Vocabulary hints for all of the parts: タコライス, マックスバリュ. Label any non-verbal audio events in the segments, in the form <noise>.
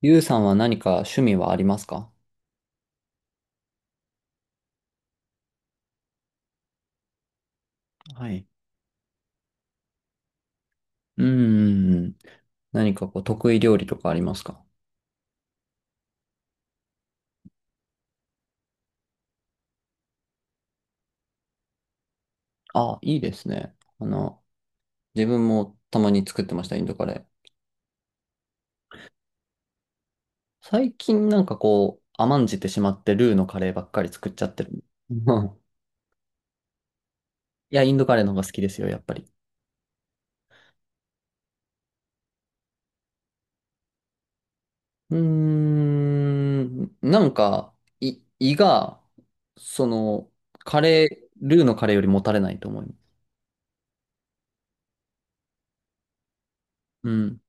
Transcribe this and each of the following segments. ゆうさんは何か趣味はありますか？はい。うんうんうん。何かこう得意料理とかありますか？あ、いいですね。自分もたまに作ってました、インドカレー。最近なんかこう、甘んじてしまってルーのカレーばっかり作っちゃってる。<laughs> うん。いや、インドカレーの方が好きですよ、やっぱり。うーん、なんか、い胃が、その、カレー、ルーのカレーよりもたれないと思います。うん。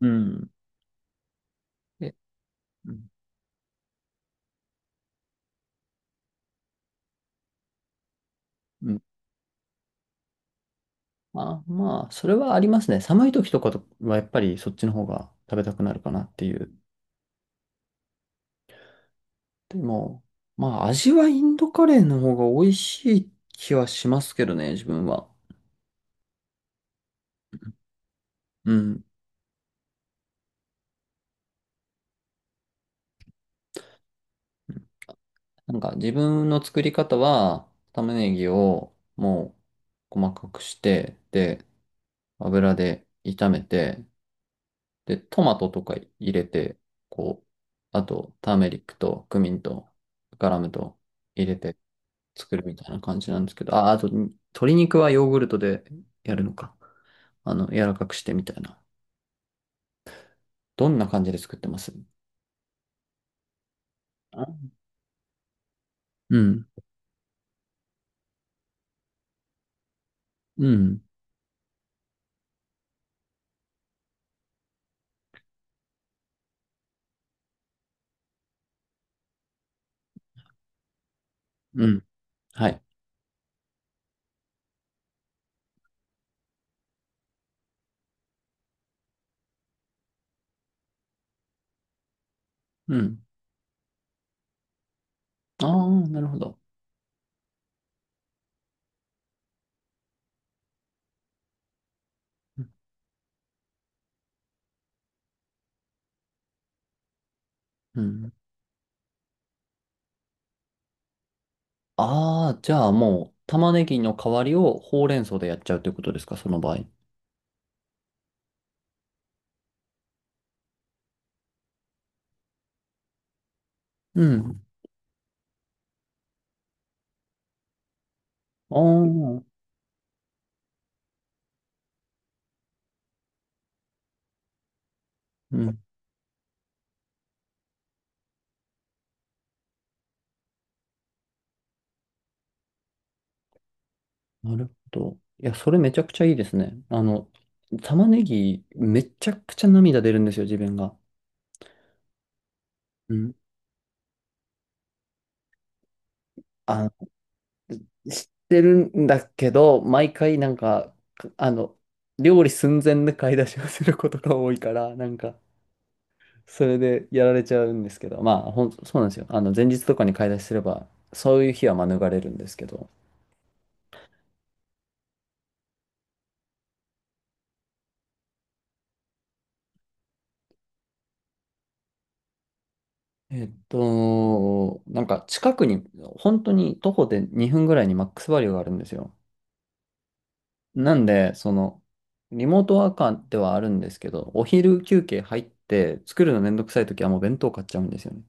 うん。えうん。まあ、まあ、それはありますね。寒い時とかはやっぱりそっちの方が食べたくなるかなっていう。でも、まあ、味はインドカレーの方が美味しい気はしますけどね、自分は。うん。なんか自分の作り方は、玉ねぎをもう細かくして、で、油で炒めて、で、トマトとか入れて、こう、あと、ターメリックとクミンとガラムと入れて、作るみたいな感じなんですけど、あ、あと、鶏肉はヨーグルトでやるのか。柔らかくしてみたいな。どんな感じで作ってます？あ、うん、うん、うん、はい。うん。ああ、なるほど。うん。ああ、じゃあもう、玉ねぎの代わりをほうれん草でやっちゃうということですか、その場合。うん。ああ、うん。なるほど。いや、それめちゃくちゃいいですね。玉ねぎ、めちゃくちゃ涙出るんですよ、自分が。うん。あ、知ってるんだけど、毎回なんか、料理寸前で買い出しをすることが多いから、なんか、それでやられちゃうんですけど、そうなんですよ。あの、前日とかに買い出しすれば、そういう日は免れるんですけど。近くに、本当に徒歩で2分ぐらいにマックスバリューがあるんですよ。なんで、その、リモートワーカーではあるんですけど、お昼休憩入って、作るのめんどくさい時はもう弁当買っちゃうんですよね。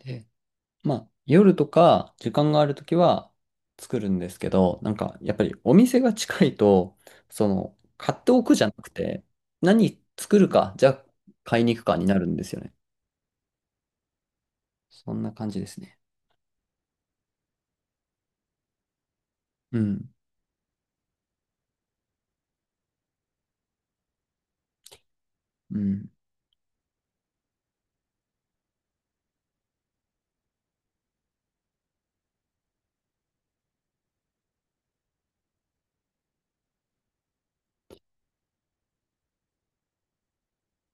で、まあ、夜とか時間があるときは作るんですけど、なんかやっぱりお店が近いと、その、買っておくじゃなくて、何作るか、じゃあ買いに行くかになるんですよね。そんな感じですね。うん。うん。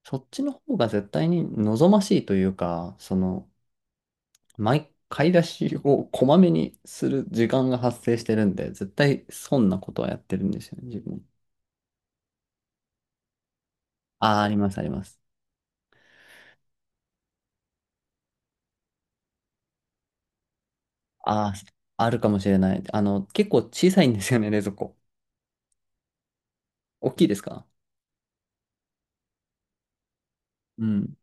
そっちの方が絶対に望ましいというか、買い出しをこまめにする時間が発生してるんで、絶対損なことはやってるんですよね、自分。ああ、あります、あります。あー、あるかもしれない。結構小さいんですよね、冷蔵庫。大きいですか？うん。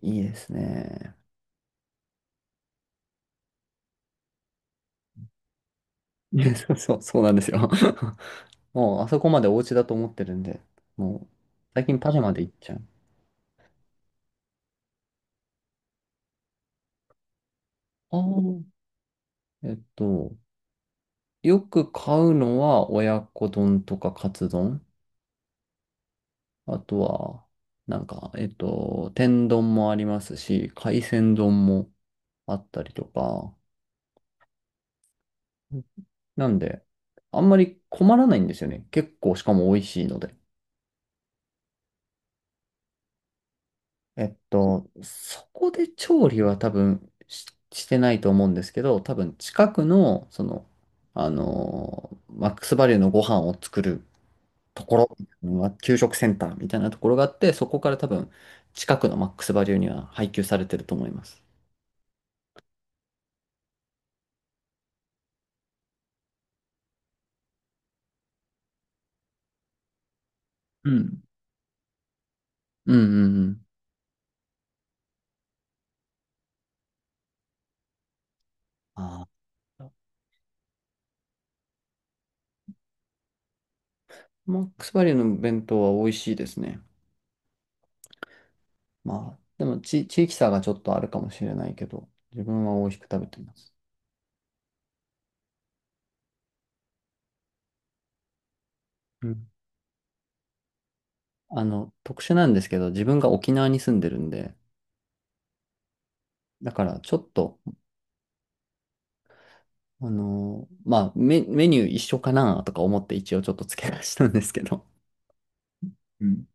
いいですね。<laughs> いや、そう、そうそうなんですよ。<laughs> もう、あそこまでお家だと思ってるんで、もう、最近パジャマで行っちゃう。ああ、えっと、よく買うのは親子丼とかカツ丼。あとは、天丼もありますし、海鮮丼もあったりとか、なんで、あんまり困らないんですよね。結構、しかも美味しいので。えっと、そこで調理は多分し、してないと思うんですけど、多分近くの、その、あのーマックスバリュのご飯を作るところ、まあ給食センターみたいなところがあって、そこから多分近くのマックスバリュには配給されてると思います。うん。うんうんうん。あーマックスバリュの弁当は美味しいですね。まあ、でもち、地域差がちょっとあるかもしれないけど、自分は美味しく食べてます。うん。あの、特殊なんですけど、自分が沖縄に住んでるんで、だからちょっと、メニュー一緒かなとか思って一応ちょっと付け足したんですけど、うん。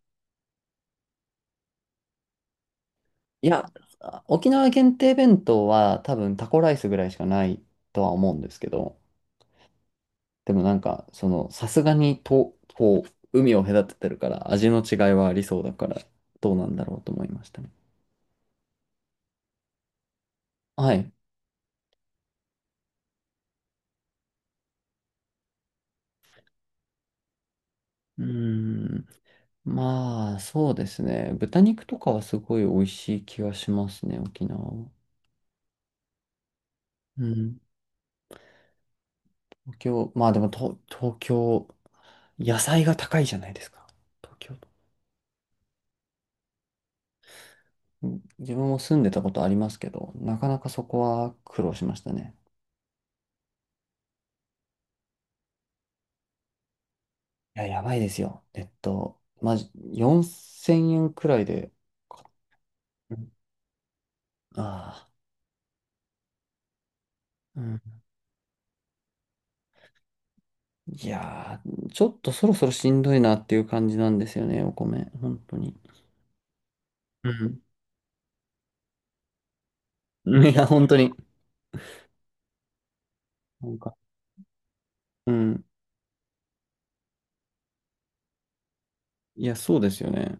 いや、沖縄限定弁当は多分タコライスぐらいしかないとは思うんですけど、でもなんか、その、さすがにと、こう、海を隔ててるから味の違いはありそうだから、どうなんだろうと思いましたね。はい。うーん。まあ、そうですね。豚肉とかはすごい美味しい気がしますね、沖縄は。うん。まあでも東京、野菜が高いじゃないですか。東京。うん、自分も住んでたことありますけど、なかなかそこは苦労しましたね。いや、やばいですよ。えっと、まじ、4000円くらいで、うん、ああ、うん。いやー、ちょっとそろそろしんどいなっていう感じなんですよね、お米。本当に。うんうん。 <laughs> いや、本当に。なんか、うん。いや、そうですよね。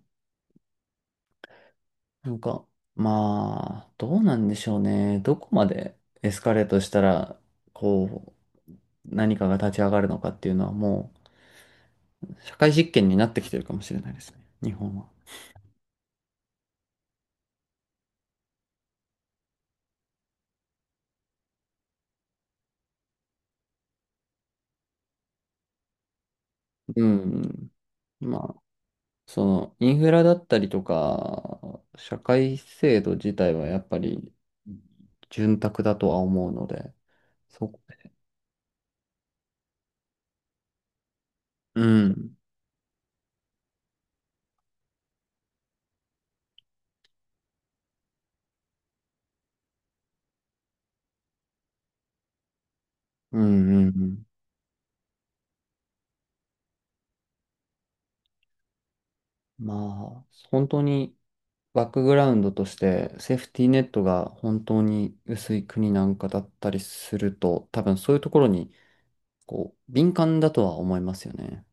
なんか、まあ、どうなんでしょうね。どこまでエスカレートしたら、こう、何かが立ち上がるのかっていうのはもう、社会実験になってきてるかもしれないですね。日本は。うん。まあ、その、インフラだったりとか、社会制度自体はやっぱり、潤沢だとは思うので、そこ。うん。うんうんうん。まあ、本当に、バックグラウンドとしてセーフティーネットが本当に薄い国なんかだったりすると、多分そういうところにこう敏感だとは思いますよね。